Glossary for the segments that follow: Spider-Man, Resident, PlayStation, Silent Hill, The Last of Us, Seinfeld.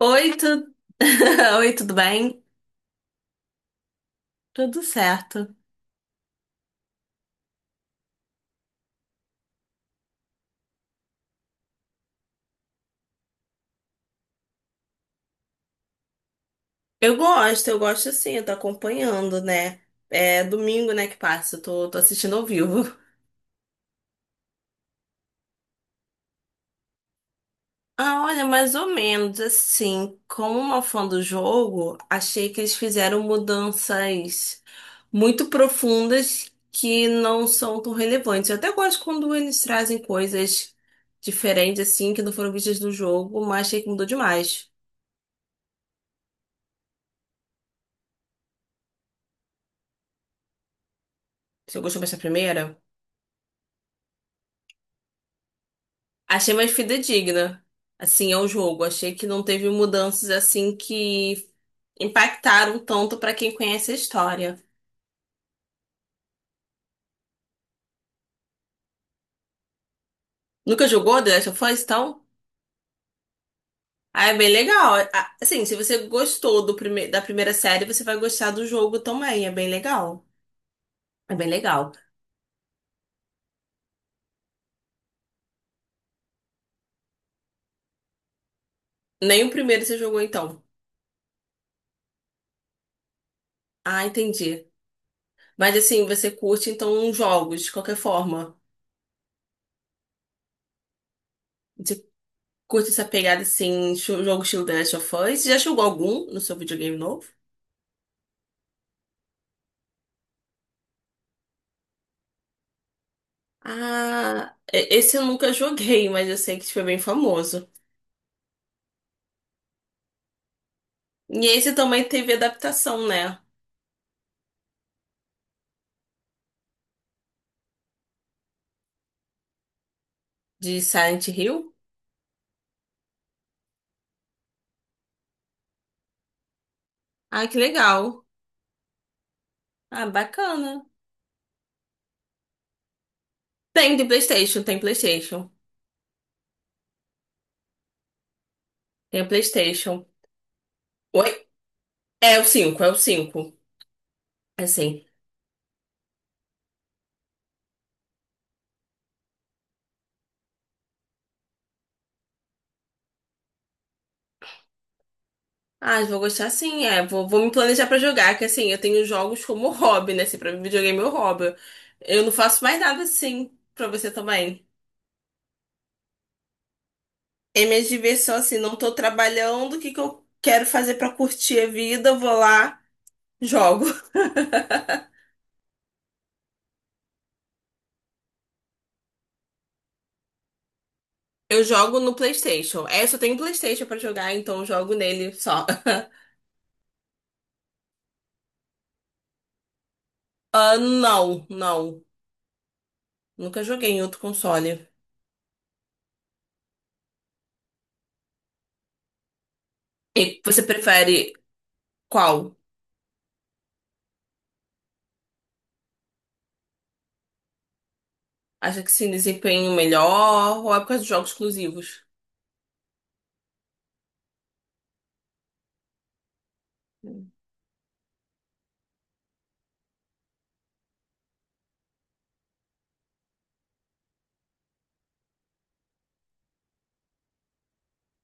Oi, tu... Oi, tudo bem? Tudo certo. Eu gosto sim, eu tô acompanhando, né? É domingo, né, que passa, eu tô assistindo ao vivo. Ah, olha, mais ou menos assim, como uma fã do jogo, achei que eles fizeram mudanças muito profundas que não são tão relevantes. Eu até gosto quando eles trazem coisas diferentes, assim, que não foram vistas no jogo, mas achei que mudou demais. Você gostou mais da primeira? Achei mais fidedigna, assim, ao jogo. Achei que não teve mudanças assim que impactaram tanto pra quem conhece a história. Nunca jogou The Last of Us, então? Ah, é bem legal. Ah, assim, se você gostou do prime da primeira série, você vai gostar do jogo também. É bem legal. É bem legal. Nem o primeiro você jogou, então. Ah, entendi. Mas assim, você curte, então, jogos, de qualquer forma. Você curte essa pegada, assim, jogo estilo The Last of Us? Você já jogou algum no seu videogame novo? Ah, esse eu nunca joguei, mas eu sei que foi bem famoso. E esse também teve adaptação, né? De Silent Hill. Ah, que legal. Ah, bacana. Tem de PlayStation. Tem a PlayStation. Oi? É o cinco, é o 5. Assim. Ah, eu vou gostar sim, é. Vou me planejar pra jogar, que assim, eu tenho jogos como hobby, né? Assim, pra mim, videogame é meu hobby. Eu não faço mais nada assim, pra você também. É minha diversão assim, não tô trabalhando, o que que eu quero fazer pra curtir a vida? Eu vou lá, jogo. Eu jogo no PlayStation. É, eu só tenho PlayStation pra jogar, então eu jogo nele só. Ah, não, não. Nunca joguei em outro console. E você prefere qual? Acha que sim, desempenho melhor ou é por causa dos jogos exclusivos?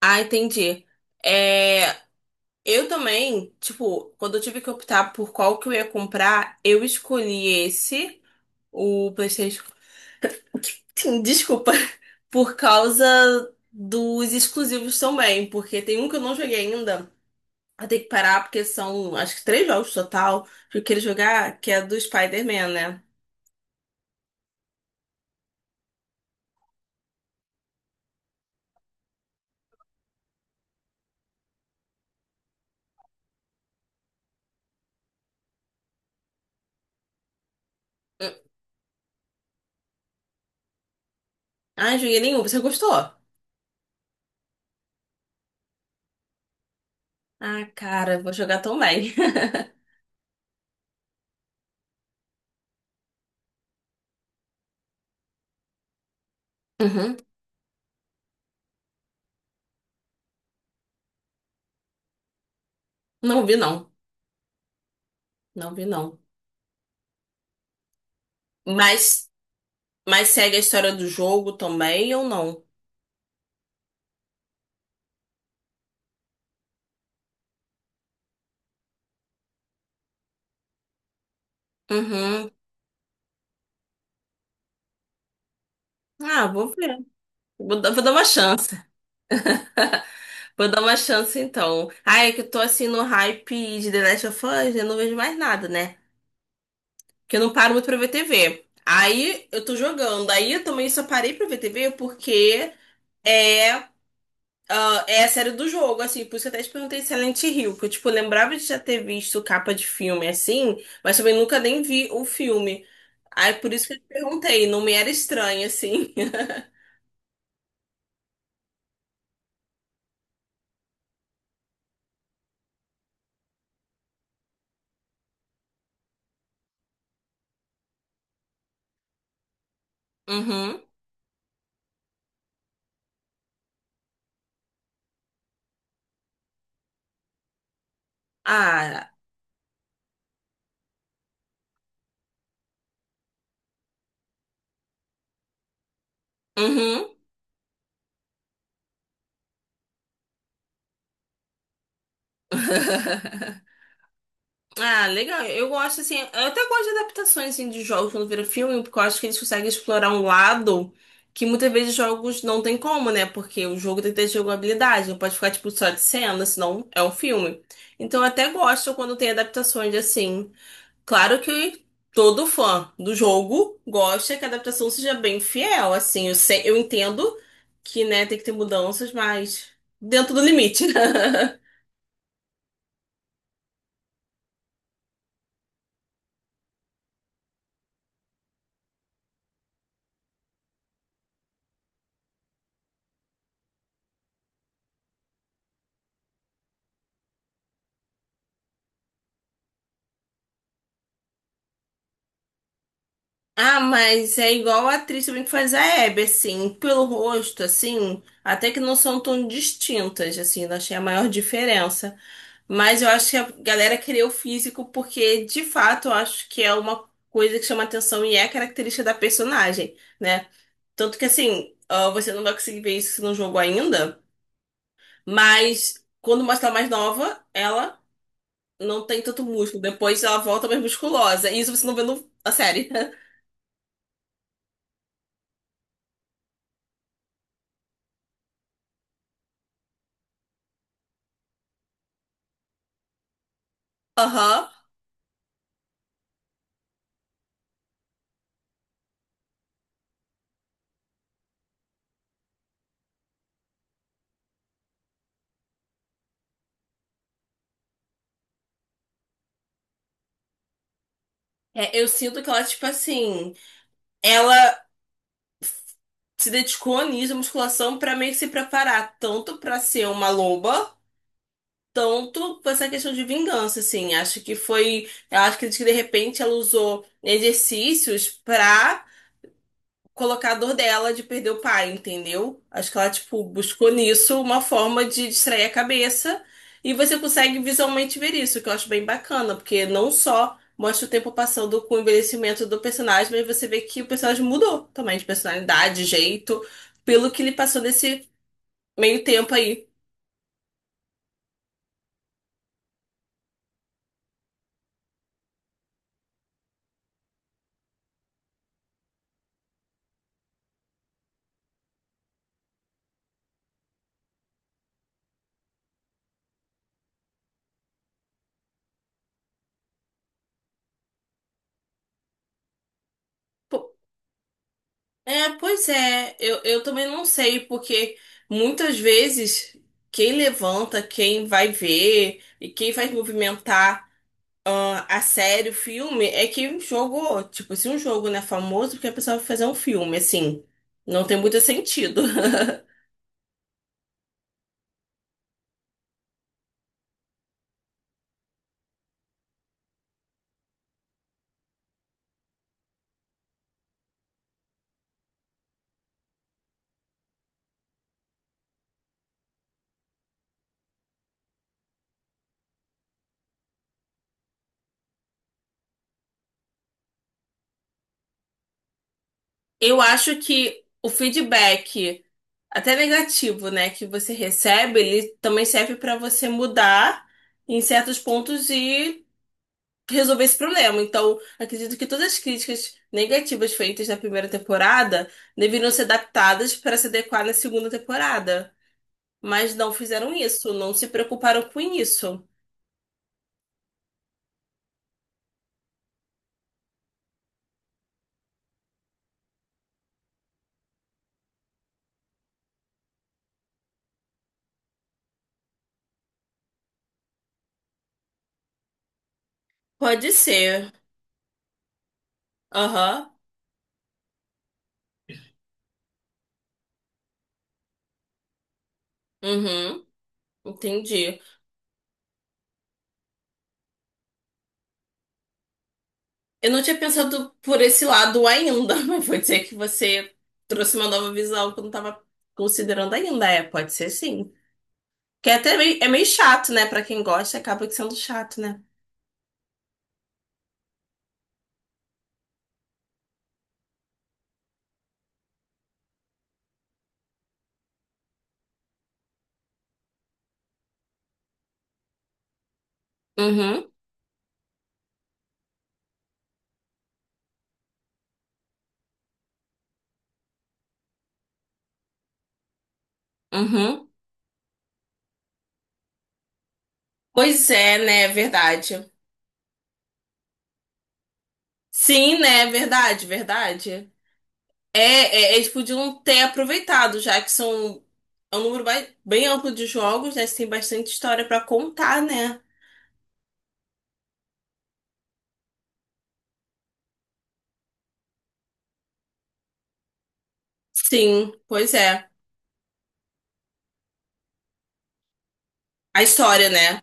Ah, entendi. É, eu também, tipo, quando eu tive que optar por qual que eu ia comprar, eu escolhi esse, o PlayStation. Sim, desculpa. Por causa dos exclusivos também, porque tem um que eu não joguei ainda. Eu tenho que parar porque são, acho que três jogos total que eu queria jogar, que é do Spider-Man, né? Ah, não joguei nenhum. Você gostou? Ah, cara, vou jogar também. Uhum. Não vi, não. Não vi, não. Mas, mas segue a história do jogo também ou não? Uhum. Ah, vou ver. Vou, vou dar uma chance. Vou dar uma chance então. Ai é que eu tô assim no hype de The Last of Us, eu não vejo mais nada, né? Porque eu não paro muito pra ver TV. Aí eu tô jogando. Aí eu também só parei pra ver TV porque é, ah, é a série do jogo, assim. Por isso que eu até te perguntei Silent Hill, que eu, tipo, lembrava de já ter visto capa de filme assim, mas também nunca nem vi o filme. Aí por isso que eu te perguntei, não me era estranho, assim. Uhum. Ah, uhum. Ah, legal. Eu gosto, assim, eu até gosto de adaptações, assim, de jogos quando vira filme, porque eu acho que eles conseguem explorar um lado que muitas vezes jogos não tem como, né? Porque o jogo tem que ter jogabilidade, não pode ficar, tipo, só de cena, senão é um filme. Então eu até gosto quando tem adaptações, assim. Claro que todo fã do jogo gosta que a adaptação seja bem fiel, assim. Eu sei, eu entendo que, né, tem que ter mudanças, mas dentro do limite. Ah, mas é igual a atriz também que faz a Hebe, assim, pelo rosto, assim, até que não são tão distintas, assim, não achei a maior diferença. Mas eu acho que a galera queria o físico porque, de fato, eu acho que é uma coisa que chama atenção e é característica da personagem, né? Tanto que, assim, ah, você não vai conseguir ver isso no jogo ainda, mas quando mostra ela mais nova, ela não tem tanto músculo, depois ela volta mais musculosa, e isso você não vê na série. Aham. É, eu sinto que ela, tipo assim, ela se dedicou nisso, à musculação, pra meio que se preparar, tanto pra ser uma loba, tanto pra essa questão de vingança, assim. Acho que foi. Eu acho que de repente ela usou exercícios pra colocar a dor dela de perder o pai, entendeu? Acho que ela, tipo, buscou nisso uma forma de distrair a cabeça e você consegue visualmente ver isso, que eu acho bem bacana, porque não só mostra o tempo passando com o envelhecimento do personagem, mas você vê que o personagem mudou também de personalidade, jeito, pelo que ele passou nesse meio tempo aí. Po- É, pois é, eu também não sei, porque muitas vezes quem levanta, quem vai ver e quem vai movimentar ah, a série, o filme, é que um jogo, tipo, se um jogo não é famoso, porque a pessoa vai fazer um filme, assim, não tem muito sentido. Eu acho que o feedback, até negativo, né, que você recebe, ele também serve para você mudar em certos pontos e resolver esse problema. Então, acredito que todas as críticas negativas feitas na primeira temporada deveriam ser adaptadas para se adequar na segunda temporada. Mas não fizeram isso, não se preocuparam com isso. Pode ser. Aham. Uhum. Entendi. Eu não tinha pensado por esse lado ainda, mas vou dizer que você trouxe uma nova visão que eu não estava considerando ainda. É, pode ser sim. Que é até meio, é meio chato, né? Pra quem gosta, acaba sendo chato, né? Uhum, uhum. Pois é, né? É verdade. Sim, né? É verdade, verdade. É, é, é, eles podiam ter aproveitado, já que são é um número bem amplo de jogos, né? Você tem bastante história pra contar, né? Sim, pois é. A história, né?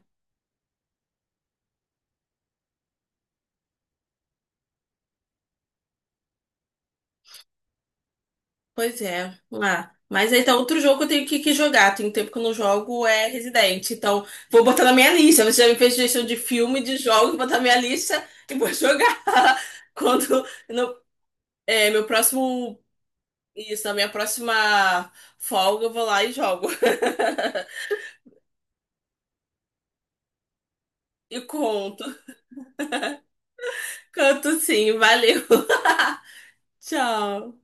Pois é. Ah, mas então, outro jogo que eu tenho que jogar. Tem um tempo que eu não jogo é Resident. Então, vou botar na minha lista. Você já me fez sugestão de filme, de jogo, vou botar na minha lista e vou jogar. Quando no, é, meu próximo. Isso, na minha próxima folga, eu vou lá e jogo. E conto. Canto sim, valeu. Tchau.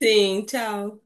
Sim, tchau.